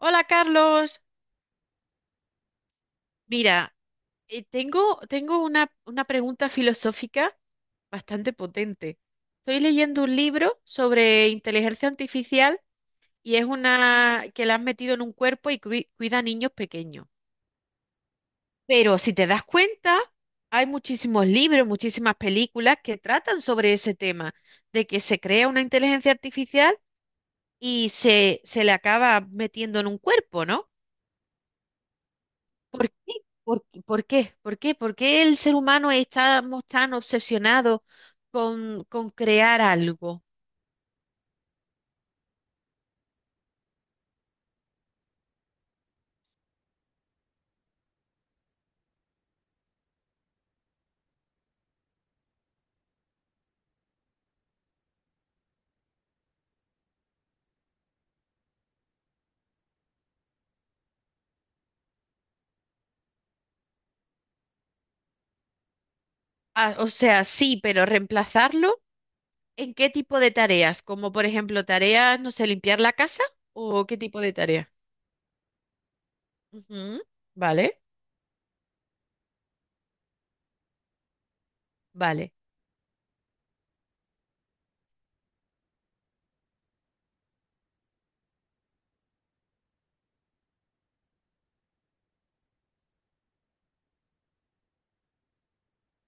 Hola Carlos, mira, tengo una pregunta filosófica bastante potente. Estoy leyendo un libro sobre inteligencia artificial y es una que la han metido en un cuerpo y cuida a niños pequeños. Pero si te das cuenta, hay muchísimos libros, muchísimas películas que tratan sobre ese tema, de que se crea una inteligencia artificial y se le acaba metiendo en un cuerpo, ¿no? ¿Por qué? ¿Por qué el ser humano estamos tan obsesionados con crear algo? Ah, o sea, sí, pero reemplazarlo ¿en qué tipo de tareas? Como por ejemplo tareas, no sé, limpiar la casa o qué tipo de tarea. Ujú. Vale, vale.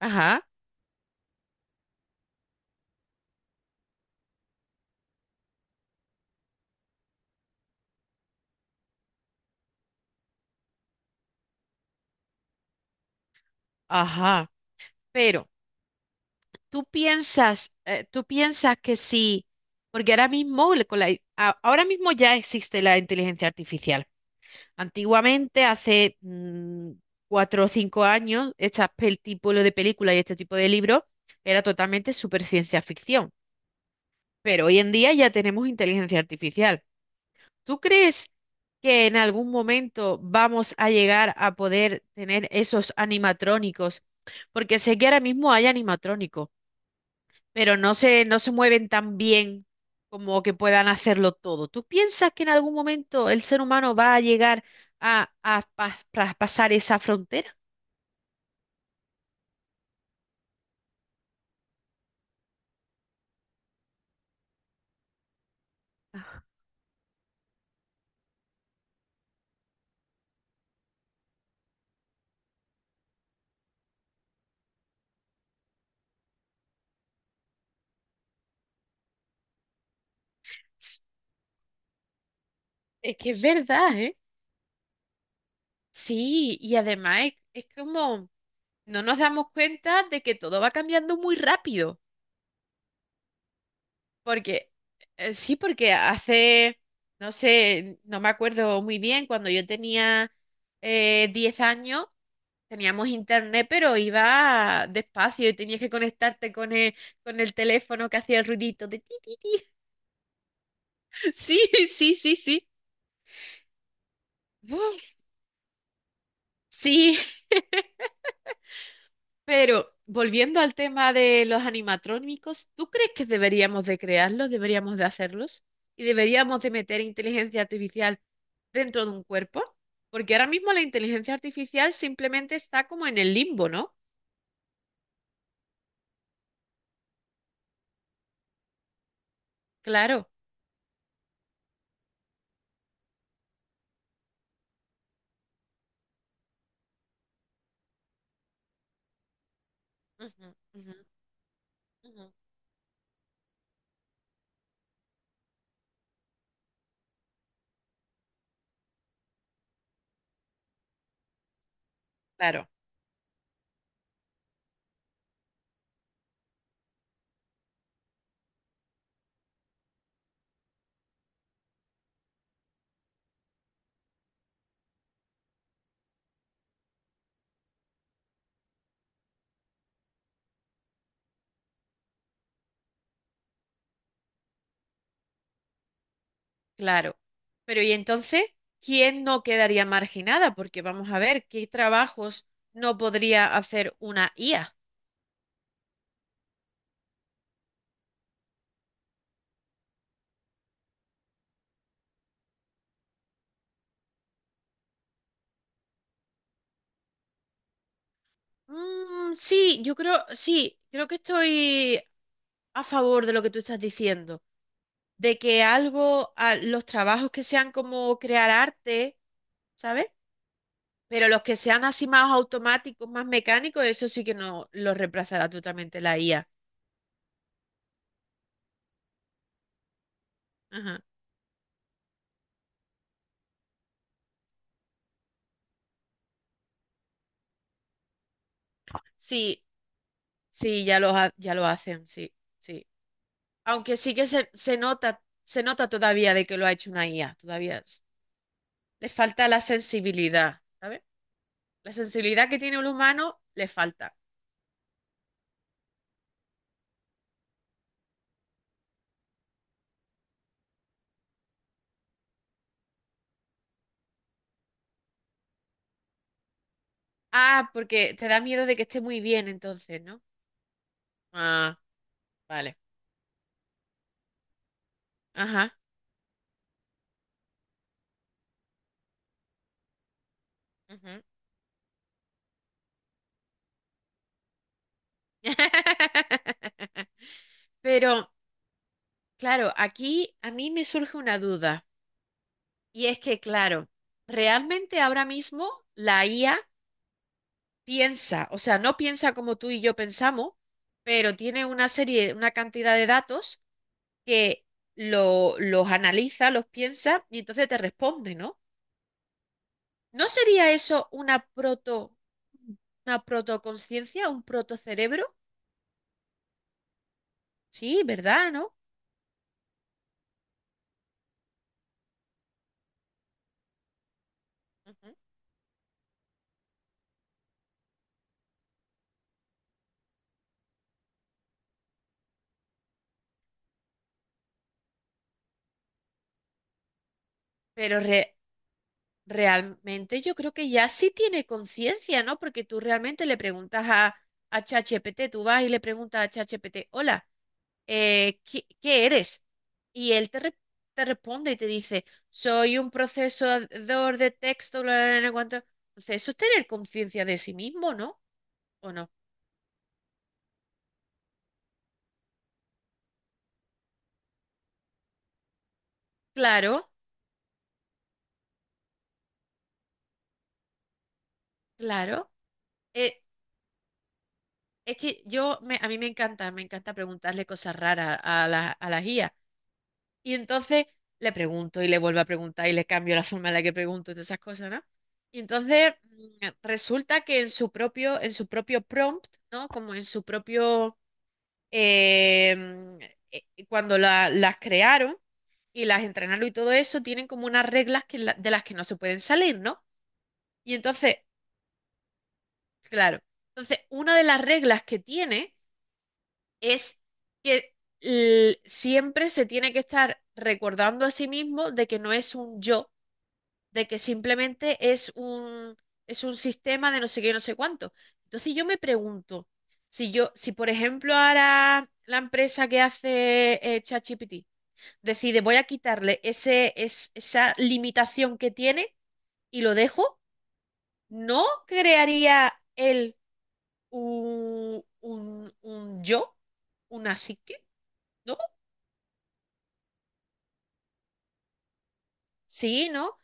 Ajá, ajá. Pero tú piensas que sí, porque ahora mismo, con la, ahora mismo ya existe la inteligencia artificial. Antiguamente, hace cuatro o cinco años, este tipo de películas y este tipo de libros era totalmente super ciencia ficción. Pero hoy en día ya tenemos inteligencia artificial. ¿Tú crees que en algún momento vamos a llegar a poder tener esos animatrónicos? Porque sé que ahora mismo hay animatrónicos pero no se mueven tan bien como que puedan hacerlo todo. ¿Tú piensas que en algún momento el ser humano va a llegar a, pasar esa frontera? Es que es verdad, ¿eh? Sí, y además es como no nos damos cuenta de que todo va cambiando muy rápido. Porque, sí, porque hace, no sé, no me acuerdo muy bien, cuando yo tenía 10 años, teníamos internet, pero iba despacio y tenías que conectarte con el teléfono que hacía el ruidito de ti, ti, ti. Sí, sí, sí, sí. Uf, sí. Pero volviendo al tema de los animatrónicos, ¿tú crees que deberíamos de crearlos, deberíamos de hacerlos y deberíamos de meter inteligencia artificial dentro de un cuerpo? Porque ahora mismo la inteligencia artificial simplemente está como en el limbo, ¿no? Claro. Ujú, ujú, ujú. Claro, claro. Pero ¿y entonces quién no quedaría marginada? Porque vamos a ver, ¿qué trabajos no podría hacer una IA? Mm, sí, yo creo, sí, creo que estoy a favor de lo que tú estás diciendo, de que algo, los trabajos que sean como crear arte, ¿sabes? Pero los que sean así más automáticos, más mecánicos, eso sí que no los reemplazará totalmente la IA. Ajá. Sí, sí, ya lo hacen, sí, sí. Aunque sí que se nota todavía de que lo ha hecho una IA, todavía le falta la sensibilidad, ¿sabes? La sensibilidad que tiene un humano le falta. Ah, porque te da miedo de que esté muy bien entonces, ¿no? Ah, vale. Ajá. Ujú. Pero, claro, aquí a mí me surge una duda. Y es que, claro, realmente ahora mismo la IA piensa, o sea, no piensa como tú y yo pensamos, pero tiene una serie, una cantidad de datos que los analiza, los piensa y entonces te responde, ¿no? ¿No sería eso una una protoconciencia, un protocerebro? Sí, ¿verdad? ¿No? Ujú. Pero realmente yo creo que ya sí tiene conciencia, ¿no? Porque tú realmente le preguntas a ChatGPT, tú vas y le preguntas a ChatGPT, hola, ¿qué, qué eres? Y él te, te responde y te dice, soy un procesador de texto, bla, bla, bla, bla, cuánto". Entonces, eso es tener conciencia de sí mismo, ¿no? ¿O no? Claro, claro. Eh, Es que yo, me, a mí me encanta preguntarle cosas raras a la IA. Y entonces le pregunto y le vuelvo a preguntar y le cambio la forma en la que pregunto y todas esas cosas, ¿no? Y entonces resulta que en su propio prompt, ¿no? Como en su propio, eh, mm, cuando las crearon y las entrenaron y todo eso, tienen como unas reglas que de las que no se pueden salir, ¿no? Y entonces, claro, entonces una de las reglas que tiene es que siempre se tiene que estar recordando a sí mismo de que no es un yo, de que simplemente es un sistema de no sé qué, no sé cuánto. Entonces yo me pregunto, si yo, si por ejemplo ahora la empresa que hace ChatGPT decide voy a quitarle esa limitación que tiene y lo dejo, ¿no crearía él un yo, una psique? ¿No? Sí, ¿no?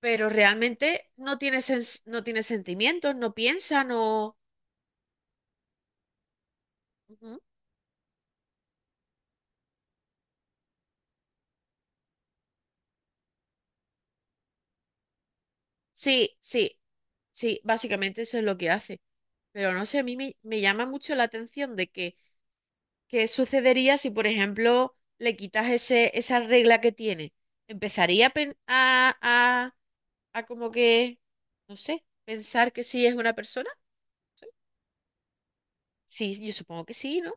Pero realmente no tiene no tiene sentimientos, no piensa, no... Ujú. Sí, sí, sí, básicamente eso es lo que hace. Pero no sé, a mí me, me llama mucho la atención de que qué sucedería si, por ejemplo, le quitas esa regla que tiene. Empezaría a, a como que, no sé, pensar que sí es una persona. Sí, yo supongo que sí, ¿no?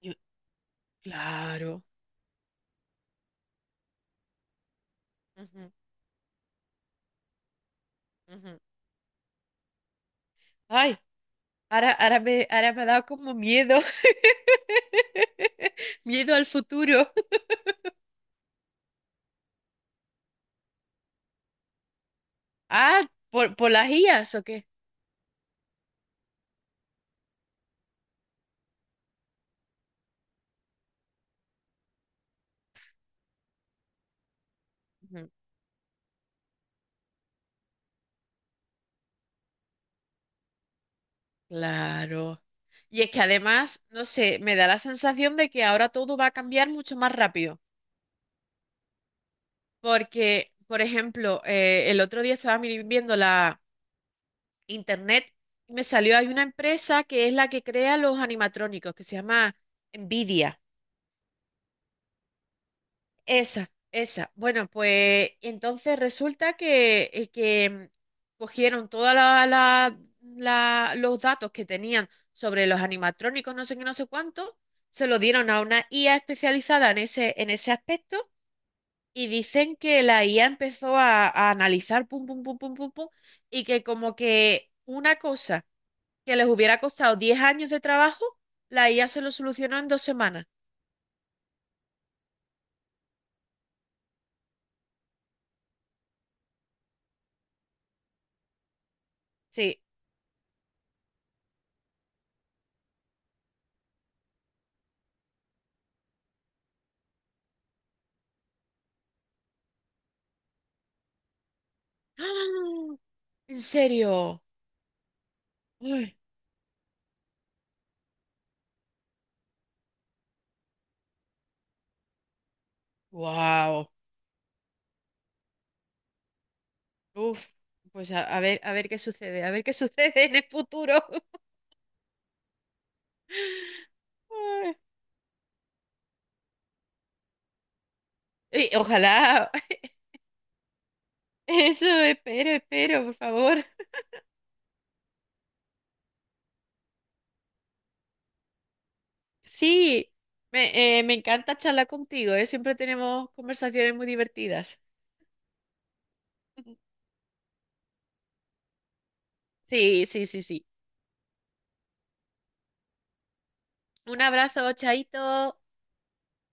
Yo- claro. Ujú, ujú. Ay. Ahora, ahora me ha dado como miedo, miedo al futuro. Ah, ¿por las IAs o qué? Ujú. Claro. Y es que además, no sé, me da la sensación de que ahora todo va a cambiar mucho más rápido. Porque, por ejemplo, el otro día estaba viendo la internet y me salió, hay una empresa que es la que crea los animatrónicos, que se llama Nvidia. Esa, esa. Bueno, pues entonces resulta que, cogieron todos los datos que tenían sobre los animatrónicos, no sé qué, no sé cuánto, se lo dieron a una IA especializada en ese aspecto y dicen que la IA empezó a analizar pum, pum, pum, pum, pum, pum, y que como que una cosa que les hubiera costado 10 años de trabajo, la IA se lo solucionó en 2 semanas. Sí. ¡Ah! ¿En serio? Uy. Wow. Uf, pues a ver qué sucede, a ver qué sucede en el futuro. Ay, y ojalá. Eso, espero, espero, por favor. Sí, me, me encanta charlar contigo, ¿eh? Siempre tenemos conversaciones muy divertidas. Sí, sí, sí, sí. Un abrazo, chaito.